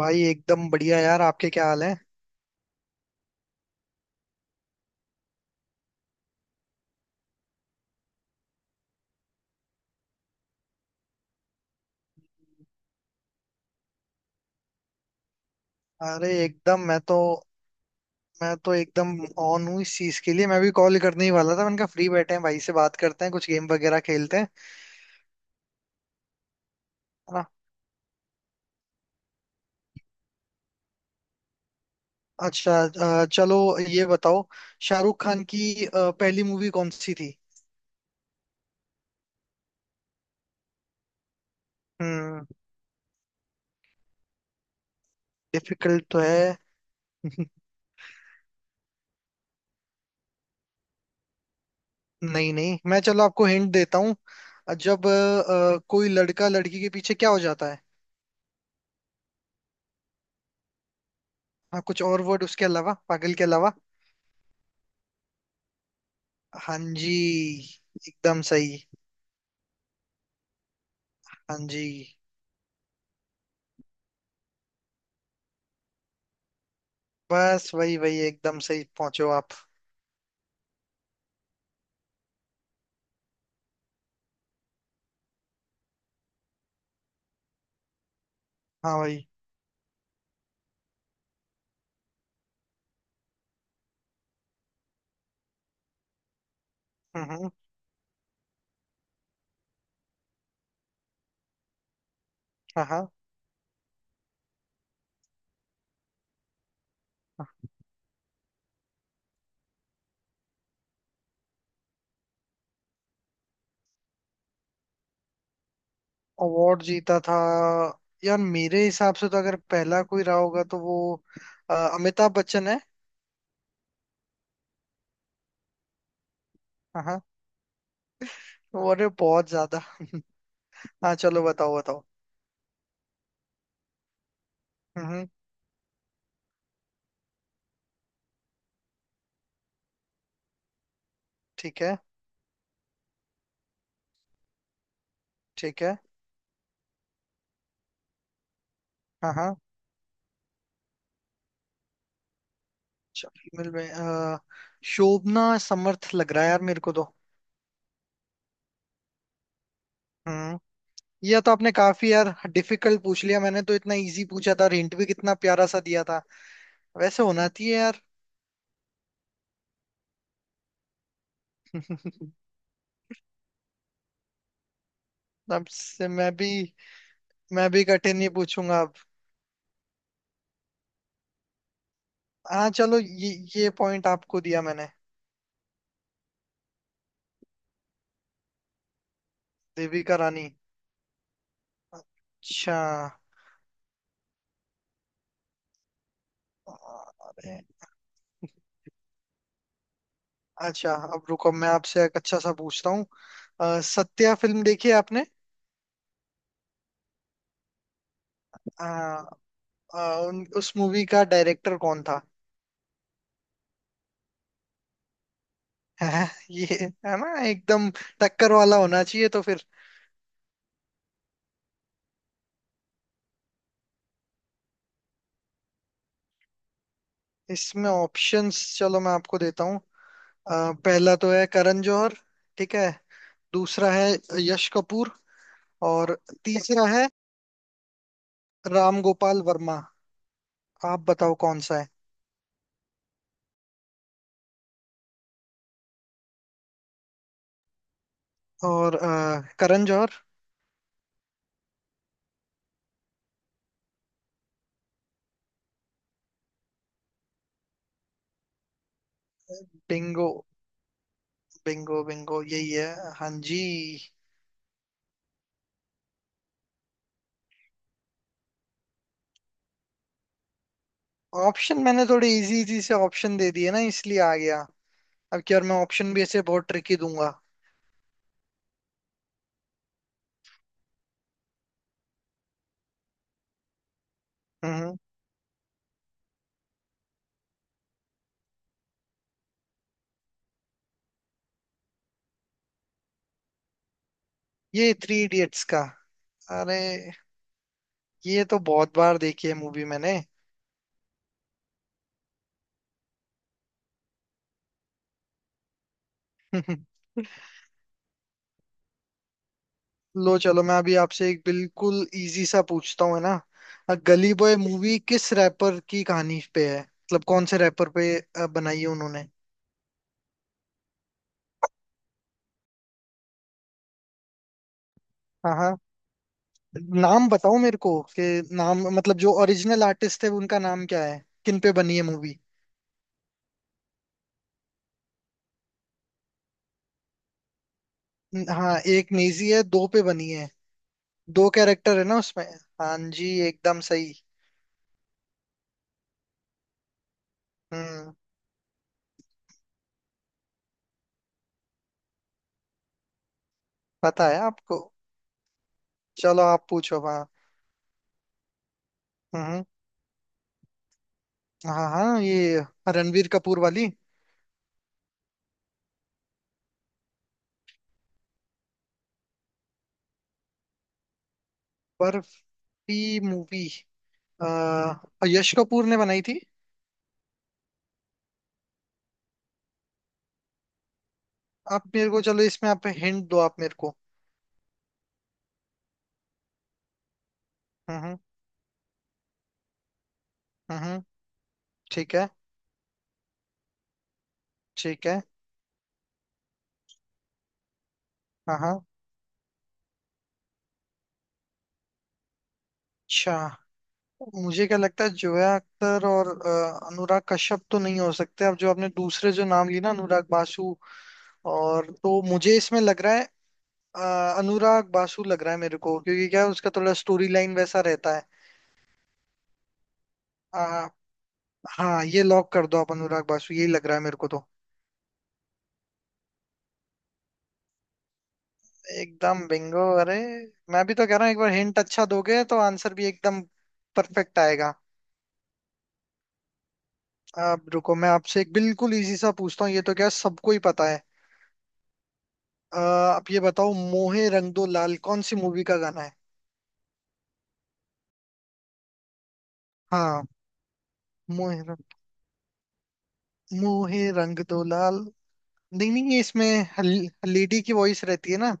भाई एकदम बढ़िया यार। आपके क्या हाल है? अरे एकदम मैं तो, मैं तो एकदम ऑन हूँ इस चीज के लिए। मैं भी कॉल करने ही वाला था। मैंने कहा फ्री बैठे हैं, भाई से बात करते हैं, कुछ गेम वगैरह खेलते हैं। है ना? अच्छा, चलो ये बताओ, शाहरुख खान की पहली मूवी कौन सी थी? हम्म। डिफिकल्ट तो है। नहीं नहीं, मैं, चलो आपको हिंट देता हूँ। जब कोई लड़का लड़की के पीछे क्या हो जाता है? हाँ, कुछ और वर्ड उसके अलावा, पागल के अलावा। हाँ जी, एकदम सही। हाँ जी। बस वही वही, एकदम सही पहुंचे हो आप। हाँ भाई। हम्म, हम्म। हाँ हाँ। अवार्ड जीता था। यार मेरे हिसाब से तो अगर पहला कोई रहा होगा तो वो अमिताभ बच्चन है। हाँ हाँ, अरे बहुत ज्यादा। हाँ चलो बताओ बताओ। हम्म, हम्म। ठीक है। ठीक है। हाँ हाँ। चलो, मिल में, शोभना समर्थ लग रहा है यार मेरे को तो। हम्म। यह तो आपने काफी यार डिफिकल्ट पूछ लिया। मैंने तो इतना इजी पूछा था, और हिंट भी कितना प्यारा सा दिया था। वैसे होना चाहिए यार। अब से मैं भी, मैं भी कठिन नहीं पूछूंगा अब। हाँ चलो, ये पॉइंट आपको दिया मैंने। देविका रानी। अच्छा। अरे, अच्छा, अब रुको, मैं आपसे एक अच्छा सा पूछता हूँ। सत्या फिल्म देखी है आपने? अ, अ, उस मूवी का डायरेक्टर कौन था? ये है ना एकदम टक्कर वाला होना चाहिए तो फिर। इसमें ऑप्शंस चलो मैं आपको देता हूँ। पहला तो है करण जौहर। ठीक है। दूसरा है यश कपूर। और तीसरा है राम गोपाल वर्मा। आप बताओ कौन सा है? और करण जौहर। बिंगो, बिंगो, बिंगो, यही है। हाँ जी। ऑप्शन मैंने थोड़े इजी इजी से ऑप्शन दे दिए ना, इसलिए आ गया। अब की और मैं ऑप्शन भी ऐसे बहुत ट्रिकी दूंगा। हम्म। ये थ्री इडियट्स का। अरे, ये तो बहुत बार देखी है मूवी मैंने। लो चलो मैं अभी आपसे एक बिल्कुल इजी सा पूछता हूँ, है ना। गली बॉय मूवी किस रैपर की कहानी पे है, मतलब कौन से रैपर पे बनाई है उन्होंने? हाँ हाँ, नाम बताओ मेरे को। कि नाम मतलब जो ओरिजिनल आर्टिस्ट थे उनका नाम क्या है, किन पे बनी है मूवी? हाँ, एक नेजी है, दो पे बनी है। दो कैरेक्टर है ना उसमें। हाँ जी, एकदम सही। हम्म। पता है आपको। चलो आप पूछो, हाँ। हम्म। हाँ हाँ, ये रणवीर कपूर वाली बर्फी मूवी। अ, यश कपूर ने बनाई थी। आप मेरे को चलो, इसमें आप हिंट दो, आप मेरे को। हम्म, हम्म, हम्म। ठीक है। ठीक है। हाँ हाँ। अच्छा, मुझे क्या लगता है, जोया अख्तर और अनुराग कश्यप तो नहीं हो सकते। अब जो आपने दूसरे जो नाम ली ना, अनुराग बासु और, तो मुझे इसमें लग रहा है। अनुराग बासु लग रहा है मेरे को, क्योंकि क्या है, उसका थोड़ा स्टोरी लाइन वैसा रहता है। अ, हाँ, ये लॉक कर दो आप, अनुराग बासु यही लग रहा है मेरे को तो। एकदम बिंगो, अरे। मैं भी तो कह रहा हूँ, एक बार हिंट अच्छा दोगे तो आंसर भी एकदम परफेक्ट आएगा। अब रुको, मैं आपसे एक बिल्कुल इजी सा पूछता हूँ, ये तो क्या सबको ही पता है। आप ये बताओ, मोहे रंग दो लाल कौन सी मूवी का गाना है? हाँ। मोहे रंग मोहे रंग दो लाल। नहीं नहीं, ये इसमें लेडी की वॉइस रहती है ना।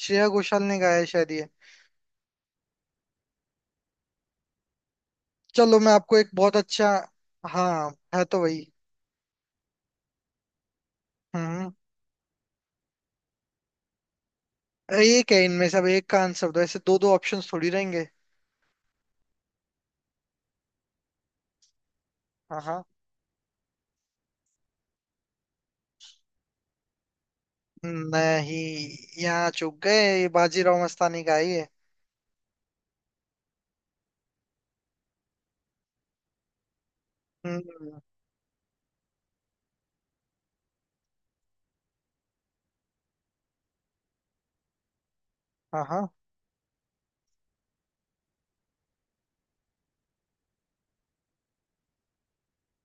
श्रेया घोषाल ने गाया है शायद ये। चलो मैं आपको एक बहुत अच्छा। हाँ, है तो वही। हम्म। एक है इनमें, सब एक का आंसर दो, ऐसे दो दो ऑप्शंस थोड़ी रहेंगे। हाँ हाँ। नहीं, यहाँ चूक गए, ये बाजीराव मस्तानी का ही है। हम्म। हाँ हाँ।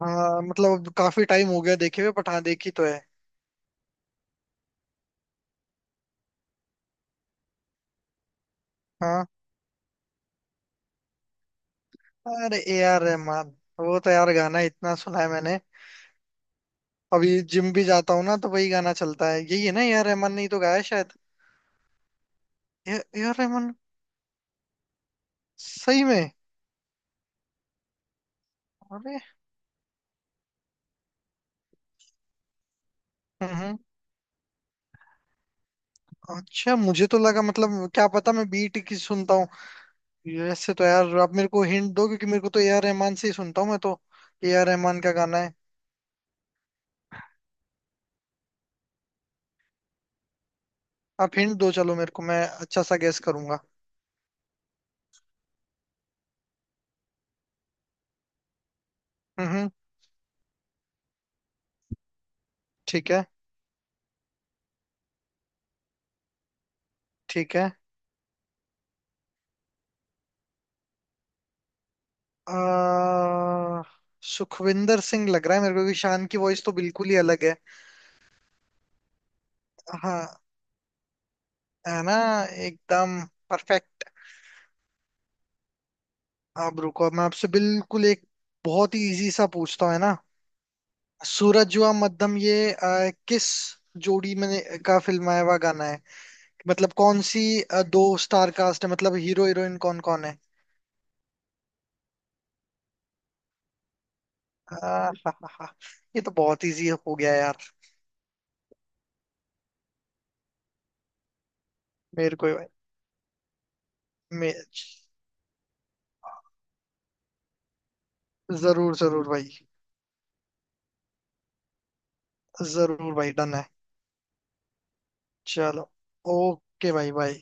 हाँ मतलब काफी टाइम हो गया देखे हुए, बट हाँ देखी तो है। हाँ। अरे, AR रहमान। वो तो यार गाना इतना सुना है मैंने। अभी जिम भी जाता हूँ ना तो वही गाना चलता है। यही है ना, AR रहमान ने ही तो गाया है शायद। A A R Rahman? सही में? अरे। हम्म, हम्म। अच्छा, मुझे तो लगा, मतलब क्या पता, मैं बीट की सुनता हूँ। ऐसे तो यार आप मेरे को हिंट दो, क्योंकि मेरे को तो AR रहमान से ही सुनता हूँ मैं तो। AR रहमान का गाना है। आप हिंट दो चलो मेरे को, मैं अच्छा सा गेस करूंगा। हम्म। ठीक है। ठीक है। आ, सुखविंदर सिंह लग रहा है मेरे को, क्योंकि शान की वॉइस तो बिल्कुल ही अलग है। हाँ, है ना, एकदम परफेक्ट। आप रुको, मैं आपसे बिल्कुल एक बहुत ही इजी सा पूछता हूँ, है ना। सूरज हुआ मध्यम ये किस जोड़ी में का फिल्माया हुआ गाना है? मतलब कौन सी दो स्टार कास्ट है, मतलब हीरो हीरोइन कौन कौन है? हा, हा, हा, ये तो बहुत इजी हो गया यार। मेरे को ही भाई। मे जरूर जरूर भाई, जरूर भाई, डन है। चलो, ओके भाई, भाई।